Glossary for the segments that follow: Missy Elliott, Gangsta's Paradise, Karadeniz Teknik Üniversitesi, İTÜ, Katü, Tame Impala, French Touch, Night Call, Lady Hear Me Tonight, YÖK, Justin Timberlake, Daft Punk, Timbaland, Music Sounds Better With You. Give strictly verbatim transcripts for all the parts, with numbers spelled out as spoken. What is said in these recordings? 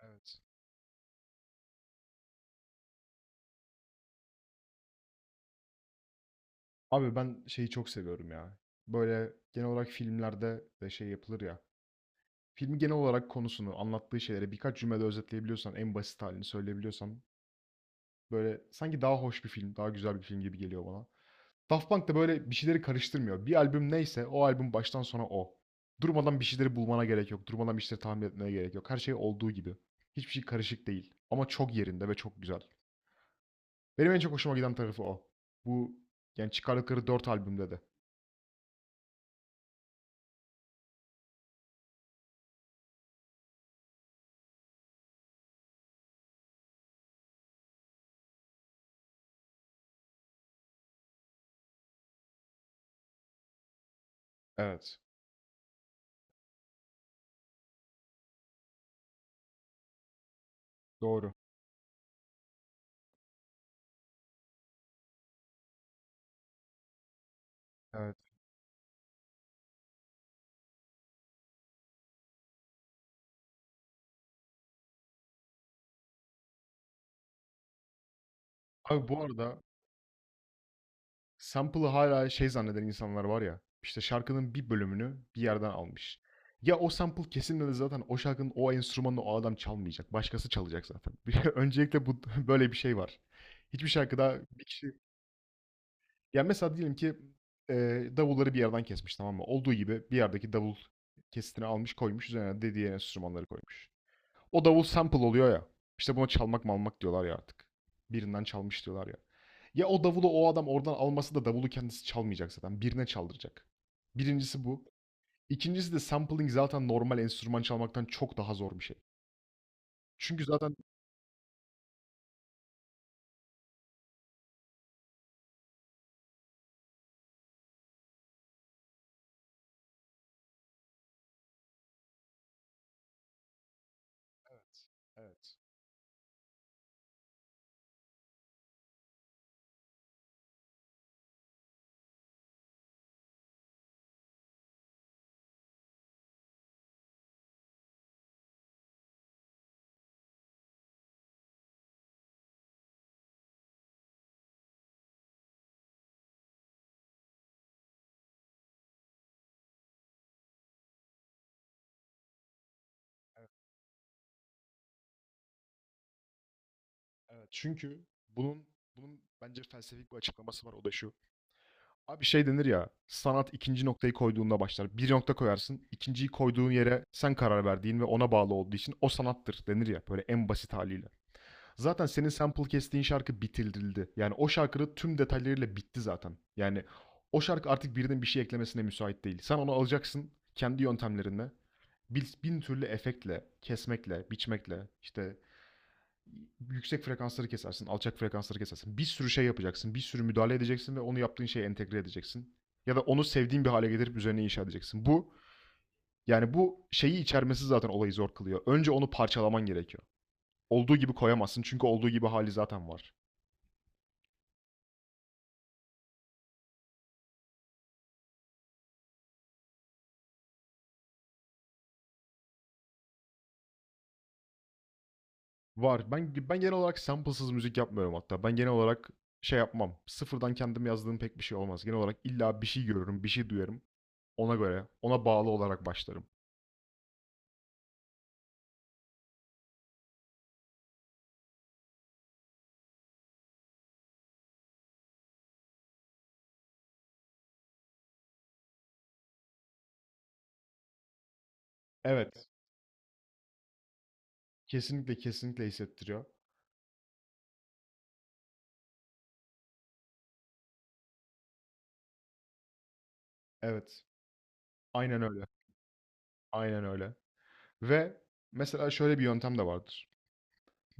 Evet. Abi ben şeyi çok seviyorum ya. Böyle genel olarak filmlerde de şey yapılır ya. Filmi genel olarak konusunu, anlattığı şeyleri birkaç cümlede özetleyebiliyorsan, en basit halini söyleyebiliyorsan böyle sanki daha hoş bir film, daha güzel bir film gibi geliyor bana. Daft Punk da böyle bir şeyleri karıştırmıyor. Bir albüm neyse o albüm baştan sona o. Durmadan bir şeyleri bulmana gerek yok. Durmadan bir şeyleri tahmin etmeye gerek yok. Her şey olduğu gibi. Hiçbir şey karışık değil. Ama çok yerinde ve çok güzel. Benim en çok hoşuma giden tarafı o. Bu yani çıkardıkları dört albümde de. Evet. Doğru. Evet. Abi bu arada sample'ı hala şey zanneden insanlar var ya, işte şarkının bir bölümünü bir yerden almış. Ya o sample kesilmedi zaten, o şarkının o enstrümanını o adam çalmayacak. Başkası çalacak zaten. Öncelikle bu böyle bir şey var. Hiçbir şarkıda bir kişi... Yani mesela diyelim ki eee, davulları bir yerden kesmiş, tamam mı? Olduğu gibi bir yerdeki davul kesitini almış, koymuş, üzerine de enstrümanları koymuş. O davul sample oluyor ya. İşte buna çalmak malmak diyorlar ya artık. Birinden çalmış diyorlar ya. Ya o davulu o adam oradan alması da, davulu kendisi çalmayacak zaten. Birine çaldıracak. Birincisi bu. İkincisi de sampling zaten normal enstrüman çalmaktan çok daha zor bir şey. Çünkü zaten Evet. Evet. Çünkü bunun bunun bence felsefik bir açıklaması var, o da şu. Abi şey denir ya, sanat ikinci noktayı koyduğunda başlar. Bir nokta koyarsın, ikinciyi koyduğun yere sen karar verdiğin ve ona bağlı olduğu için o sanattır denir ya böyle en basit haliyle. Zaten senin sample kestiğin şarkı bitirildi. Yani o şarkının tüm detaylarıyla bitti zaten. Yani o şarkı artık birinin bir şey eklemesine müsait değil. Sen onu alacaksın kendi yöntemlerinle. Bin, bin türlü efektle, kesmekle, biçmekle, işte yüksek frekansları kesersin, alçak frekansları kesersin. Bir sürü şey yapacaksın, bir sürü müdahale edeceksin ve onu yaptığın şeye entegre edeceksin. Ya da onu sevdiğin bir hale getirip üzerine inşa edeceksin. Bu yani bu şeyi içermesi zaten olayı zor kılıyor. Önce onu parçalaman gerekiyor. Olduğu gibi koyamazsın çünkü olduğu gibi hali zaten var. Var. Ben ben genel olarak sample'sız müzik yapmıyorum hatta. Ben genel olarak şey yapmam. Sıfırdan kendim yazdığım pek bir şey olmaz. Genel olarak illa bir şey görürüm, bir şey duyarım. Ona göre, ona bağlı olarak başlarım. Evet. Kesinlikle kesinlikle hissettiriyor. Evet. Aynen öyle. Aynen öyle. Ve mesela şöyle bir yöntem de vardır.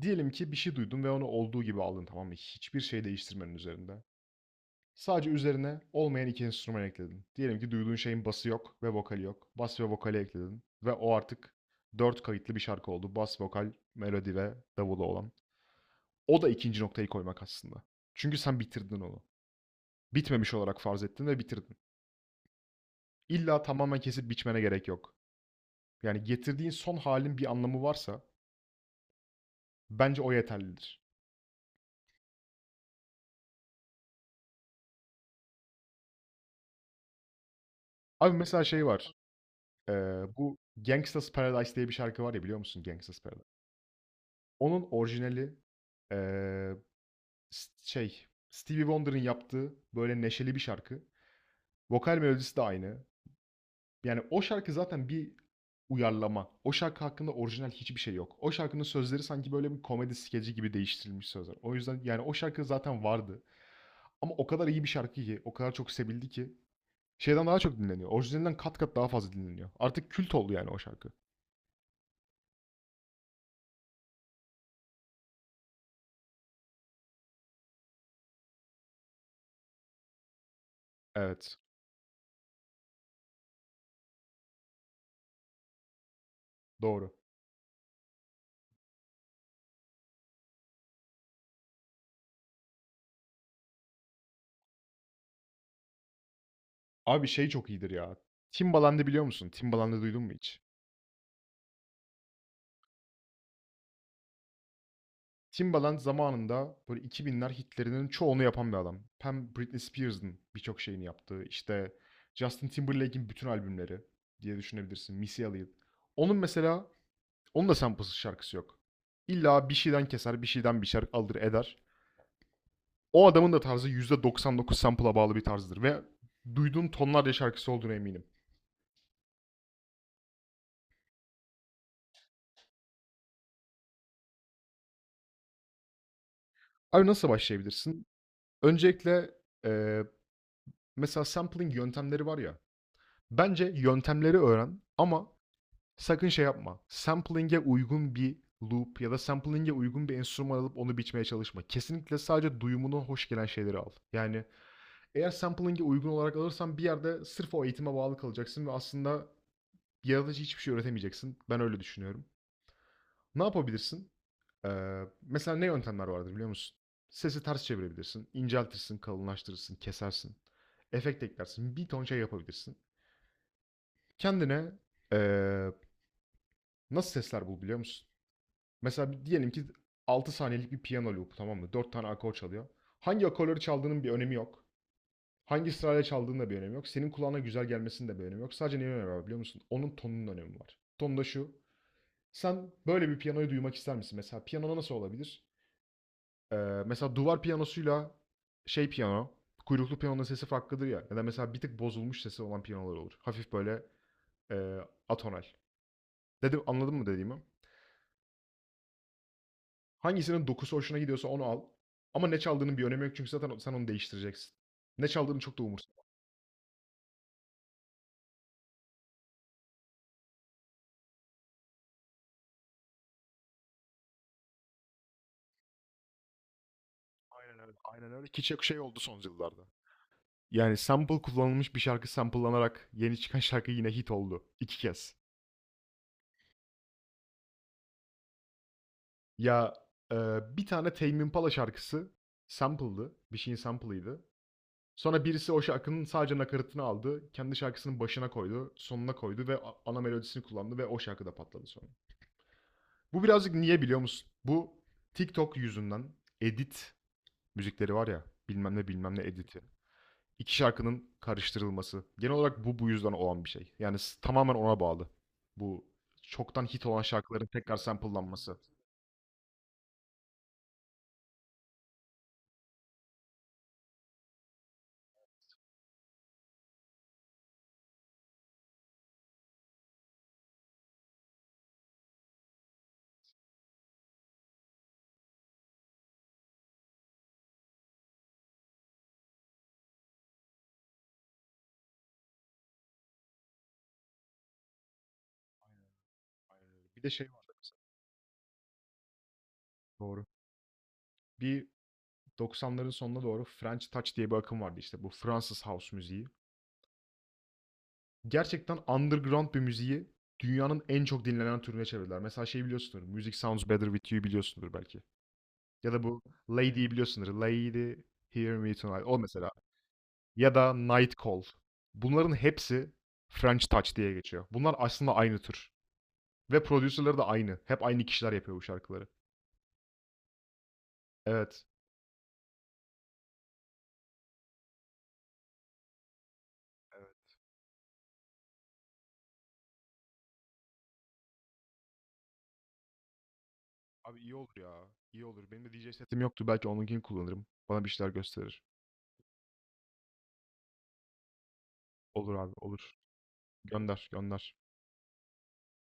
Diyelim ki bir şey duydun ve onu olduğu gibi aldın, tamam mı? Hiçbir şey değiştirmenin üzerinde. Sadece üzerine olmayan iki enstrüman ekledin. Diyelim ki duyduğun şeyin bası yok ve vokali yok. Bas ve vokali ekledin. Ve o artık dört kayıtlı bir şarkı oldu. Bas, vokal, melodi ve davulu olan. O da ikinci noktayı koymak aslında. Çünkü sen bitirdin onu. Bitmemiş olarak farz ettin ve bitirdin. İlla tamamen kesip biçmene gerek yok. Yani getirdiğin son halin bir anlamı varsa bence o yeterlidir. Abi mesela şey var. Ee, bu Gangsta's Paradise diye bir şarkı var ya, biliyor musun Gangsta's Paradise? Onun orijinali ee, şey, Stevie Wonder'ın yaptığı böyle neşeli bir şarkı. Vokal melodisi de aynı. Yani o şarkı zaten bir uyarlama. O şarkı hakkında orijinal hiçbir şey yok. O şarkının sözleri sanki böyle bir komedi skeci gibi değiştirilmiş sözler. O yüzden yani o şarkı zaten vardı. Ama o kadar iyi bir şarkı ki, o kadar çok sevildi ki şeyden daha çok dinleniyor. Orijinalinden kat kat daha fazla dinleniyor. Artık kült oldu yani o şarkı. Evet, doğru. Abi şey çok iyidir ya. Timbaland'ı biliyor musun? Timbaland'ı duydun mu hiç? Timbaland zamanında böyle iki binler hitlerinin çoğunu yapan bir adam. Hem Britney Spears'ın birçok şeyini yaptığı, işte Justin Timberlake'in bütün albümleri diye düşünebilirsin. Missy Elliott. Onun mesela, onun da samplesiz şarkısı yok. İlla bir şeyden keser, bir şeyden bir şarkı alır eder. O adamın da tarzı yüzde doksan dokuz sample'a bağlı bir tarzdır ve duyduğun tonlarca şarkısı olduğuna eminim. Abi nasıl başlayabilirsin? Öncelikle eee, mesela sampling yöntemleri var ya. Bence yöntemleri öğren ama sakın şey yapma. Sampling'e uygun bir loop ya da sampling'e uygun bir enstrüman alıp onu biçmeye çalışma. Kesinlikle sadece duyumuna hoş gelen şeyleri al. Yani eğer sampling'e uygun olarak alırsan bir yerde sırf o eğitime bağlı kalacaksın ve aslında yaratıcı hiçbir şey öğretemeyeceksin. Ben öyle düşünüyorum. Ne yapabilirsin? Ee, mesela ne yöntemler vardır biliyor musun? Sesi ters çevirebilirsin, inceltirsin, kalınlaştırırsın, kesersin. Efekt eklersin, bir ton şey yapabilirsin. Kendine ee, nasıl sesler bul biliyor musun? Mesela diyelim ki altı saniyelik bir piyano loop, tamam mı? Dört tane akor çalıyor. Hangi akorları çaldığının bir önemi yok. Hangi sırayla çaldığının da bir önemi yok. Senin kulağına güzel gelmesinin de bir önemi yok. Sadece neyin önemi var biliyor musun? Onun tonunun önemi var. Ton da şu. Sen böyle bir piyanoyu duymak ister misin? Mesela piyano nasıl olabilir? Ee, mesela duvar piyanosuyla şey piyano, kuyruklu piyanonun sesi farklıdır ya. Ya da mesela bir tık bozulmuş sesi olan piyanolar olur. Hafif böyle e, atonal. Dedim, anladın mı dediğimi? Hangisinin dokusu hoşuna gidiyorsa onu al. Ama ne çaldığının bir önemi yok çünkü zaten sen onu değiştireceksin. Ne çaldığını çok da umursamaz. Aynen öyle. Aynen öyle. Ki çok şey oldu son yıllarda. Yani sample kullanılmış bir şarkı samplelanarak yeni çıkan şarkı yine hit oldu, iki kez. Ya e, bir tane Tame Impala şarkısı sample'dı. Bir şeyin sample'ıydı. Sonra birisi o şarkının sadece nakaratını aldı. Kendi şarkısının başına koydu. Sonuna koydu ve ana melodisini kullandı ve o şarkı da patladı sonra. Bu birazcık niye biliyor musun? Bu TikTok yüzünden edit müzikleri var ya, bilmem ne bilmem ne editi. İki şarkının karıştırılması. Genel olarak bu bu yüzden olan bir şey. Yani s- tamamen ona bağlı. Bu çoktan hit olan şarkıların tekrar sample'lanması. Aynen, aynen öyle. Bir de şey vardı mesela. Doğru. Bir doksanların sonuna doğru French Touch diye bir akım vardı işte. Bu Fransız house müziği. Gerçekten underground bir müziği dünyanın en çok dinlenen türüne çevirdiler. Mesela şey biliyorsundur. Music Sounds Better With You biliyorsundur belki. Ya da bu Lady'yi biliyorsundur. Lady Hear Me Tonight. O mesela. Ya da Night Call. Bunların hepsi French Touch diye geçiyor. Bunlar aslında aynı tür. Ve prodüserleri de aynı. Hep aynı kişiler yapıyor bu şarkıları. Evet. Evet. Abi iyi olur ya. İyi olur. Benim de D J setim yoktu. Belki onunkini kullanırım. Bana bir şeyler gösterir. Olur abi olur. Gönder gönder.